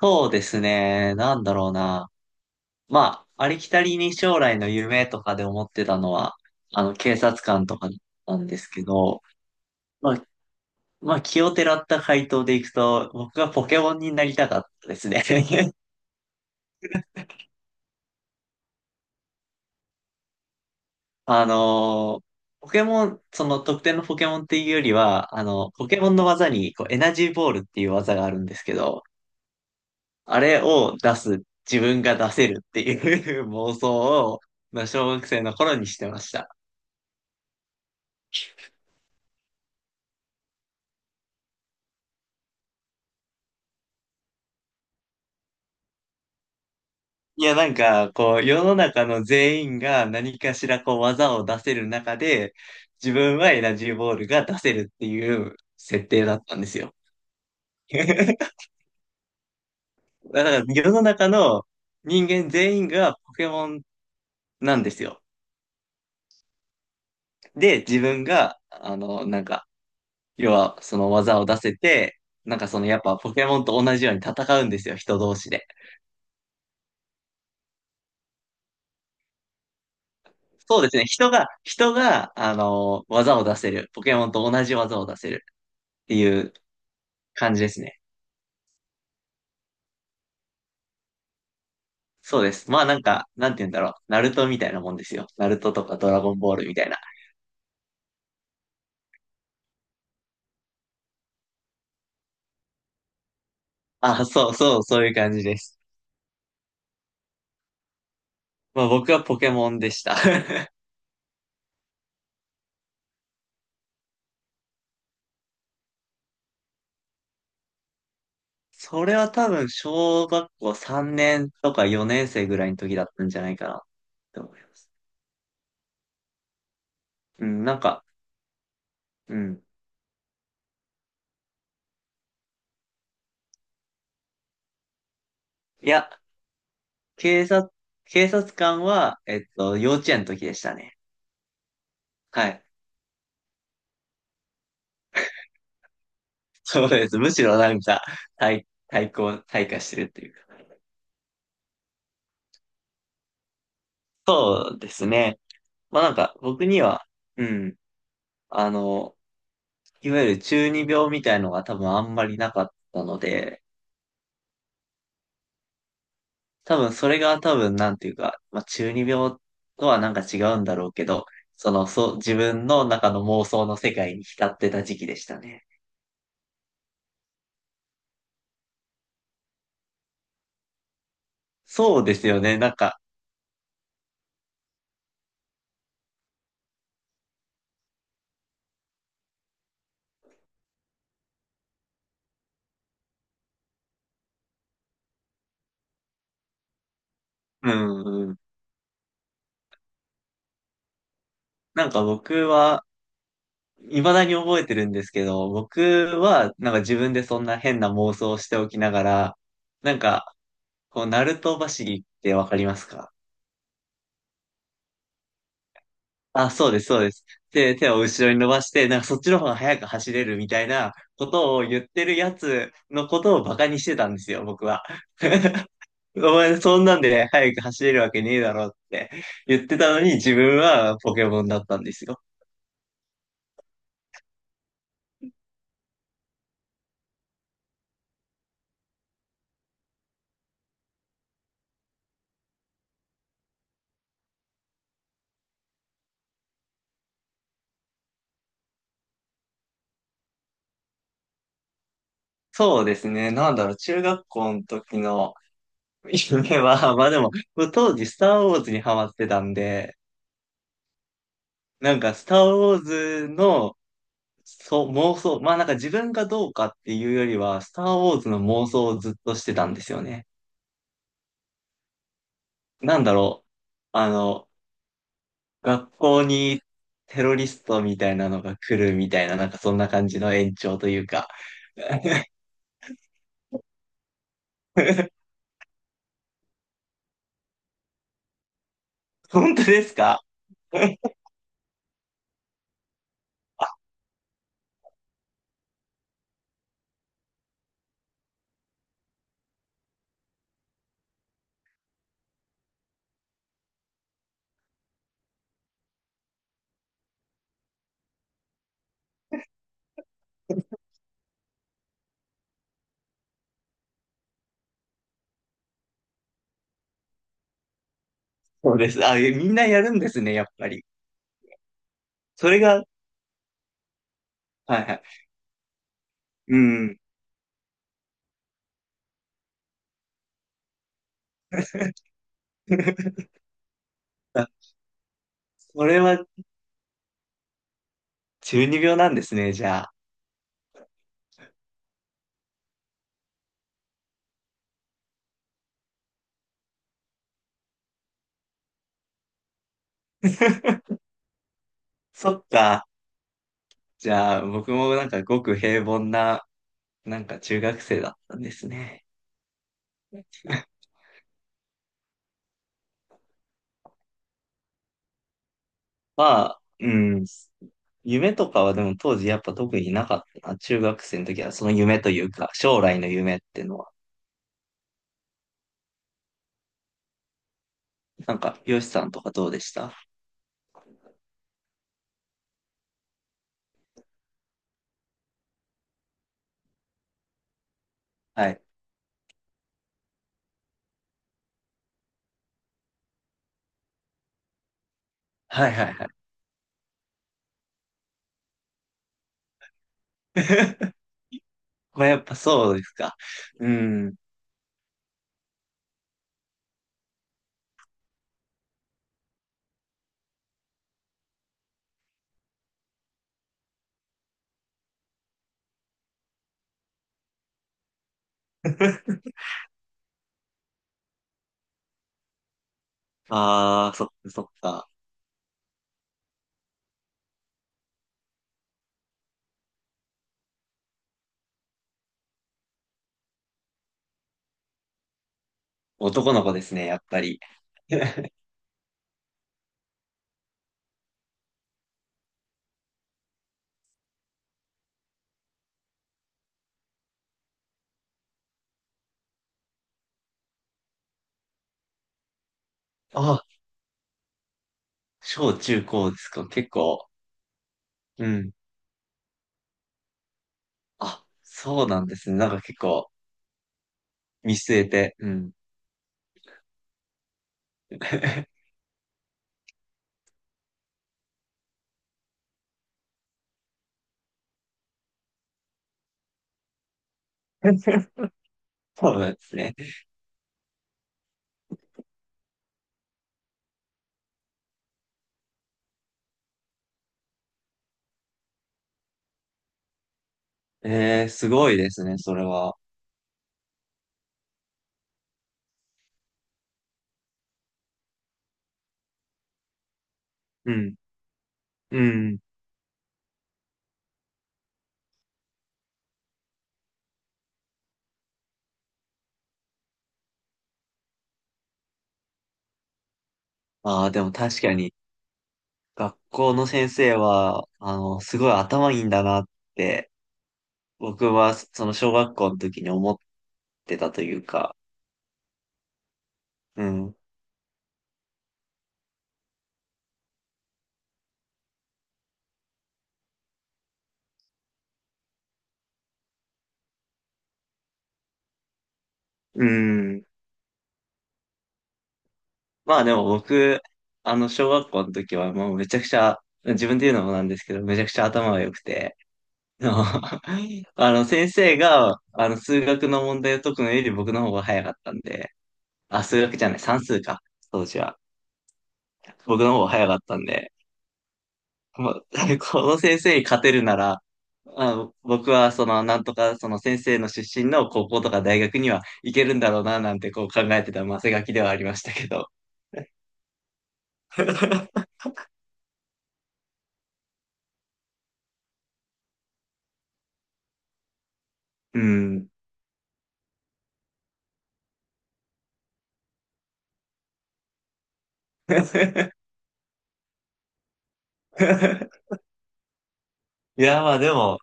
そうですね。なんだろうな。まあ、ありきたりに将来の夢とかで思ってたのは、警察官とかなんですけど、まあ、まあ、奇をてらった回答でいくと、僕がポケモンになりたかったですね。あのーポケモン、その特定のポケモンっていうよりは、ポケモンの技にこうエナジーボールっていう技があるんですけど、あれを出す、自分が出せるっていう 妄想を、まあ、小学生の頃にしてました。いや、なんか、こう、世の中の全員が何かしらこう技を出せる中で、自分はエナジーボールが出せるっていう設定だったんですよ。だから世の中の人間全員がポケモンなんですよ。で、自分が、なんか、要はその技を出せて、なんかそのやっぱポケモンと同じように戦うんですよ、人同士で。そうですね、人が、技を出せる。ポケモンと同じ技を出せるっていう感じですね。そうです。まあなんか、なんて言うんだろう。ナルトみたいなもんですよ。ナルトとかドラゴンボールみたいな。あ、そうそう、そういう感じです。まあ僕はポケモンでした。それは多分小学校3年とか4年生ぐらいの時だったんじゃないかなって思います。うん、なんか、うん。いや、警察、警察官は、幼稚園の時でしたね。はい。そうです。むしろなんか、対抗、退化してるっていうか。そうですね。まあなんか、僕には、うん。あの、いわゆる中二病みたいのが多分あんまりなかったので、多分それがなんていうか、まあ中二病とはなんか違うんだろうけど、自分の中の妄想の世界に浸ってた時期でしたね。そうですよね、なんか、うん。なんか僕は、未だに覚えてるんですけど、僕はなんか自分でそんな変な妄想をしておきながら、なんか、こう、ナルト走りってわかりますか？あ、そうです。で、手を後ろに伸ばして、なんかそっちの方が速く走れるみたいなことを言ってるやつのことをバカにしてたんですよ、僕は。お前そんなんで速く走れるわけねえだろって言ってたのに自分はポケモンだったんですよ。そうですね。なんだろう、中学校の時の夢は、まあでも、当時スターウォーズにハマってたんで、なんかスターウォーズのそう、妄想。まあなんか自分がどうかっていうよりは、スターウォーズの妄想をずっとしてたんですよね。なんだろう。あの、学校にテロリストみたいなのが来るみたいな、なんかそんな感じの延長というか。本当ですか？ そうです。あ、みんなやるんですね、やっぱり。それが、はいはい。うん。あ、それは中二病なんですね、じゃあ。そっか。じゃあ、僕もなんかごく平凡な、なんか中学生だったんですね。まあ、うん。夢とかはでも当時やっぱ特になかったな。中学生の時はその夢というか、将来の夢っていうのは。なんか、よしさんとかどうでした？はい。はいはいはい。まあやっぱそうですか。うん。ああ、そっかそっか。男の子ですね、やっぱり。あ、小中高ですか。結構、うん。あ、そうなんですね。なんか結構見据えて、うん。そうなんですね。えー、すごいですね、それは。うん、うん。ああ、でも確かに、学校の先生は、すごい頭いいんだなって、僕は、その小学校の時に思ってたというか、うん。うん。まあでも僕、小学校の時はもうめちゃくちゃ、自分で言うのもなんですけど、めちゃくちゃ頭が良くて、あの、あの先生が、数学の問題を解くのより僕の方が早かったんで、あ、数学じゃない、算数か、当時は。僕の方が早かったんで、もう、この先生に勝てるなら、あ、僕はその、なんとか、その先生の出身の高校とか大学には行けるんだろうな、なんてこう考えてたマせがきではありましたけど。うん。いや、まあでも、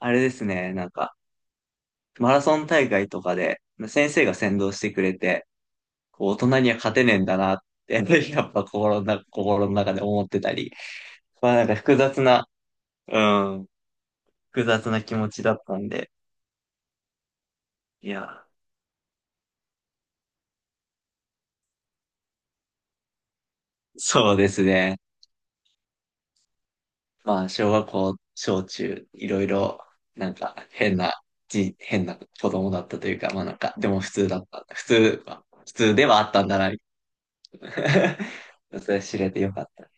あれですね、なんか、マラソン大会とかで、先生が先導してくれて、こう大人には勝てねえんだなって、やっぱ心の中で思ってたり、まあなんか複雑な、うん、複雑な気持ちだったんで、いや、そうですね。まあ、小学校、小中、いろいろ、なんか、変な子供だったというか、まあなんか、でも普通だった。普通ではあったんだな、みたいな それ知れてよかった。